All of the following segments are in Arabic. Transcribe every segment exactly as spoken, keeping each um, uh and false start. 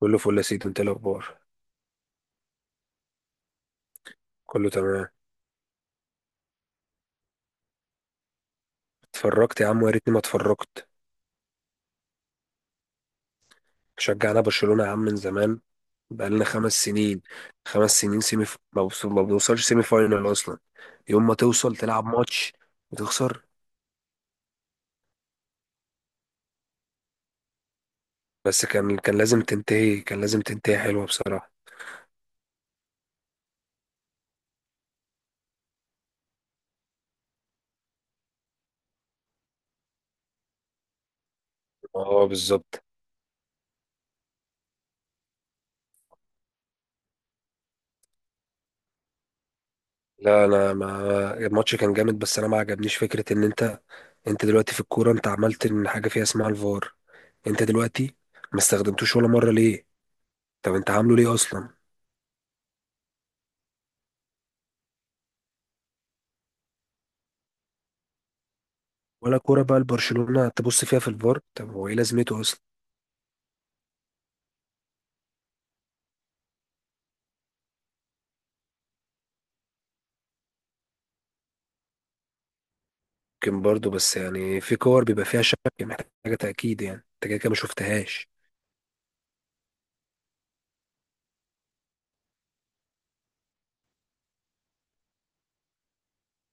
كله فل يا سيدي. انت ايه الاخبار؟ كله تمام. اتفرجت يا عم، ويا ريتني ما اتفرجت. شجعنا برشلونة يا عم من زمان. بقالنا خمس سنين. خمس سنين سيمي ف... ما بوص- ما بنوصلش سيمي فاينال اصلا. يوم ما توصل تلعب ماتش وتخسر. بس كان كان لازم تنتهي كان لازم تنتهي حلوة بصراحة. اه بالظبط. لا، انا ما الماتش كان جامد، بس انا ما عجبنيش فكرة ان انت انت دلوقتي في الكورة. انت عملت ان حاجة فيها اسمها الفار، انت دلوقتي ما استخدمتوش ولا مرة، ليه؟ طب انت عامله ليه اصلا؟ ولا كورة بقى لبرشلونة تبص فيها في الفار، طب هو ايه لازمته اصلا؟ ممكن برضه، بس يعني في كور بيبقى فيها شك محتاجة تأكيد، يعني انت كده كده ما شفتهاش.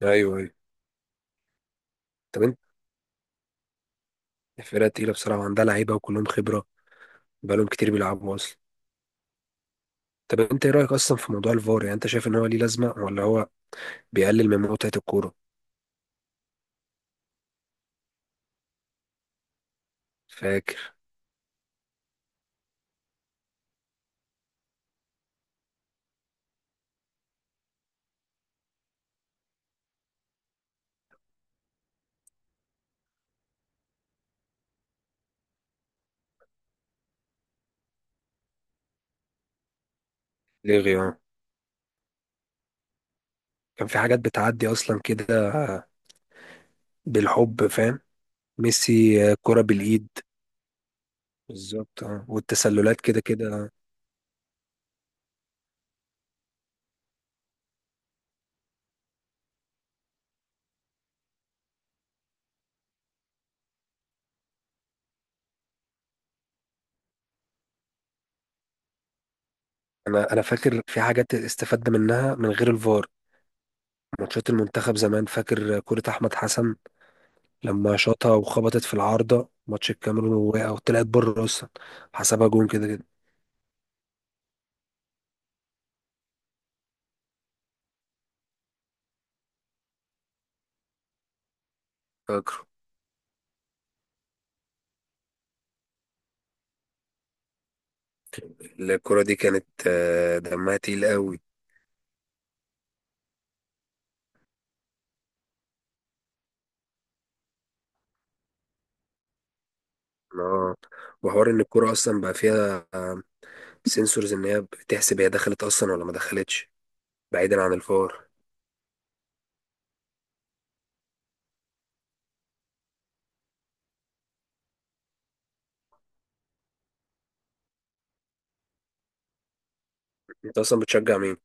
ايوه ايوه. طب انت، الفرقة تقيلة بصراحة وعندها لعيبة وكلهم خبرة، بقالهم كتير بيلعبوا اصلا. طب انت ايه رأيك اصلا في موضوع الفار؟ يعني انت شايف ان هو ليه لازمة، ولا هو بيقلل من متعة الكورة؟ فاكر ليه اه. كان في حاجات بتعدي اصلا كده بالحب، فاهم؟ ميسي آه، كرة بالإيد، بالظبط اه. والتسللات كده كده آه. انا انا فاكر في حاجات استفدنا منها من غير الفار. ماتشات المنتخب زمان، فاكر كرة احمد حسن لما شاطها وخبطت في العارضة، ماتش الكاميرون، ووقع وطلعت بره اصلا، حسبها جون كده كده. فاكره. الكرة دي كانت آه، دمها تقيل قوي. اه. وحوار ان الكرة اصلا بقى فيها سنسورز، ان هي بتحسب هي دخلت اصلا ولا ما دخلتش، بعيدا عن الفار. انت اصلا بتشجع مين؟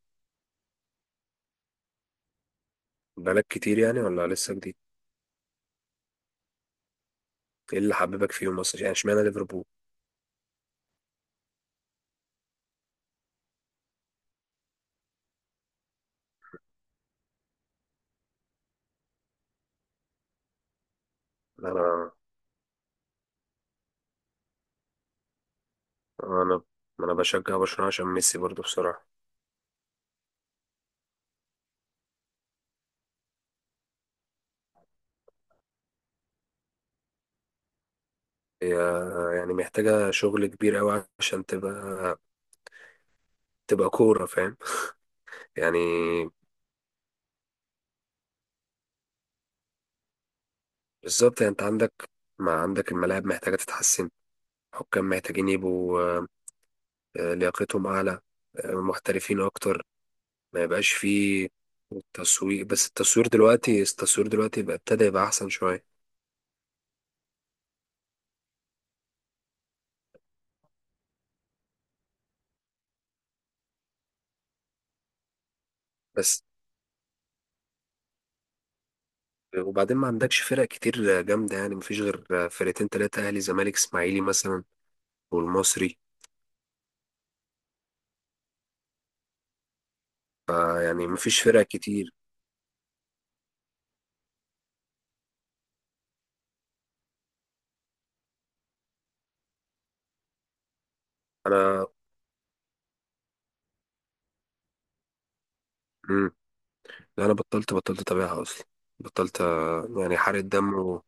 بقالك كتير يعني، ولا لسه جديد؟ ايه اللي حببك فيهم اصلا؟ يعني اشمعنى ليفربول؟ انا انا انا بشجع برشلونة عشان ميسي برضو بصراحة. هي يعني محتاجة شغل كبير قوي عشان تبقى، تبقى كورة فاهم يعني. بالظبط، يعني انت عندك، ما عندك الملاعب محتاجة تتحسن، حكام محتاجين يبقوا آه، آه، لياقتهم أعلى، آه، محترفين أكتر، ما يبقاش فيه تسويق. بس التصوير دلوقتي، التصوير دلوقتي بقى ابتدى يبقى أحسن شوية. بس وبعدين ما عندكش فرق كتير جامدة، يعني مفيش غير فرقتين تلاتة، أهلي زمالك إسماعيلي مثلا والمصري. يعني مفيش فرق كتير. انا مم. لا، انا بطلت بطلت اتابعها اصلا. بطلت آه، يعني حرق الدم و...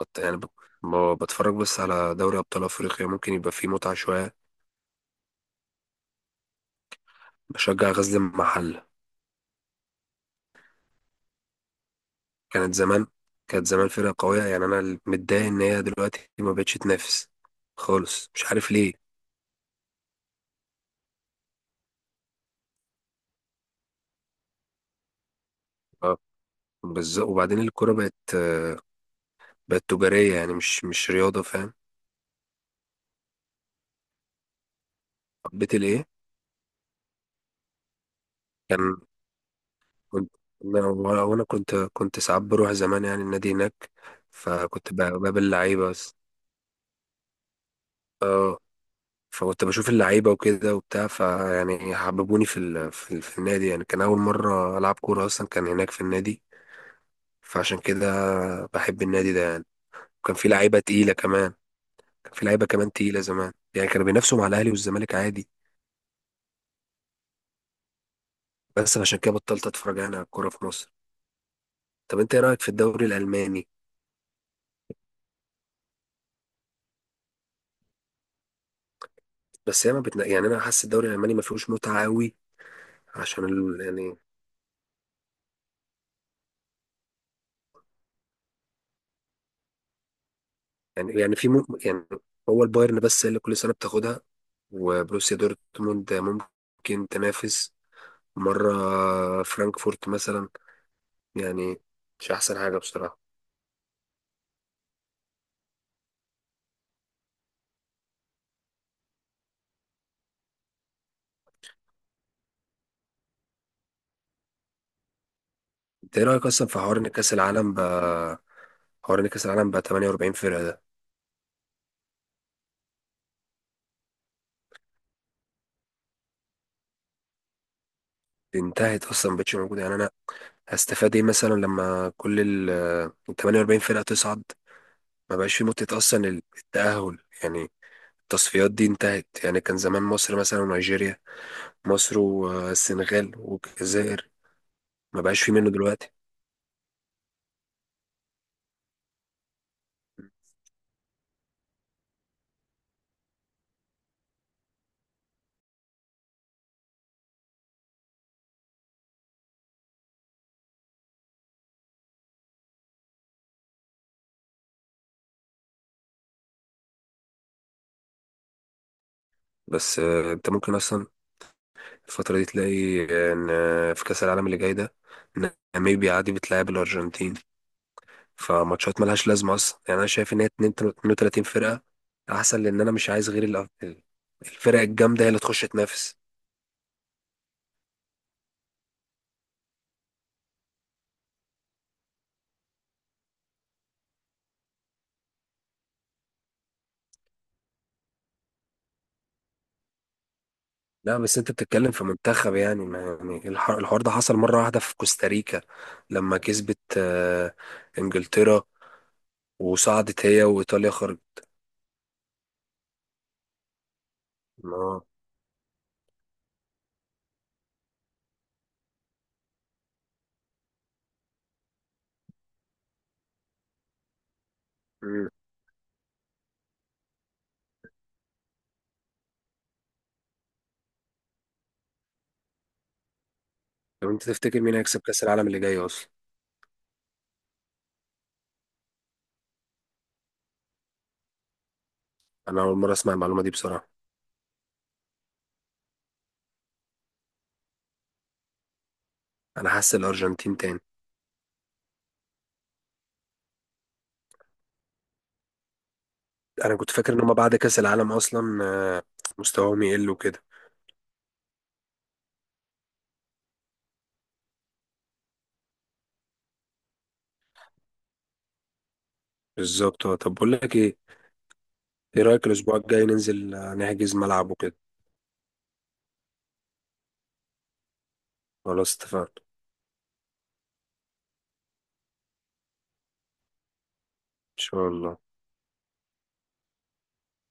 بط- يعني ب... ب- بتفرج بس على دوري ابطال افريقيا، ممكن يبقى فيه متعة شوية. بشجع غزل المحلة. كانت زمان، كانت زمان فرقة قوية، يعني انا متضايق ان هي دلوقتي ما بقتش تنافس خالص، مش عارف ليه. اه بالظبط. وبعدين الكرة بقت آه، بقت تجارية، يعني مش مش رياضة، فاهم. حبيت الايه؟ كان كنت الله ينور. وانا كنت كنت ساعات بروح زمان يعني النادي هناك. فكنت ب- بقابل لعيبه بس. اه. فكنت بشوف اللعيبه وكده وبتاع، فيعني حببوني في ال... في, ال... في النادي، يعني كان اول مره العب كوره اصلا كان هناك في النادي، فعشان كده بحب النادي ده يعني. وكان في لعيبه تقيله كمان. كان في لعيبه كمان تقيله زمان، يعني كانوا بينافسوا مع الاهلي والزمالك عادي. بس عشان كده بطلت اتفرج يعني على الكوره في مصر. طب انت ايه رايك في الدوري الالماني؟ بس هي ما بتنا... يعني انا حاسس الدوري الالماني ما فيهوش متعه قوي، عشان ال- يعني، يعني يعني في مم يعني، هو البايرن بس هي اللي كل سنة بتاخدها، وبروسيا دورتموند ممكن تنافس مرة، فرانكفورت مثلا، يعني مش أحسن حاجة بصراحة. أنت إيه رأيك أصلا في حوار إن كأس العالم بقى، حوار إن كأس العالم بقى ثمانية وأربعين فرقة ده؟ انتهت أصلا، مبقتش موجودة. يعني أنا هستفاد إيه مثلا لما كل ال ثمانية وأربعين فرقة تصعد؟ ما بقاش في متعة أصلا، التأهل يعني، التصفيات دي انتهت. يعني كان زمان مصر مثلا ونيجيريا، مصر والسنغال والجزائر، ما بقاش في منه دلوقتي. بس آه، انت ممكن اصلا الفترة دي تلاقي ان آه، في كأس العالم اللي جاي ده ناميبيا عادي بتلعب الارجنتين، فماتشات ملهاش لازمة اصلا. يعني انا شايف ان هي اثنين وثلاثين فرقة احسن، لان انا مش عايز غير الأف- الفرق الجامدة هي اللي تخش تنافس. لا بس انت بتتكلم في منتخب، يعني ما- يعني الح- الحوار ده حصل مرة واحدة في كوستاريكا لما كسبت آه، انجلترا وصعدت هي وايطاليا، خرجت. مم. طب انت تفتكر مين هيكسب كأس العالم اللي جاي اصلا؟ انا اول مرة اسمع المعلومة دي بصراحة. انا حاسس الارجنتين تاني. انا كنت فاكر ان هما بعد كأس العالم اصلا آه، مستواهم يقل وكده. بالظبط اه. طب بقول لك ايه، ايه رأيك الاسبوع الجاي ننزل آه، نحجز ملعب وكده؟ خلاص اتفقنا، ان شاء الله.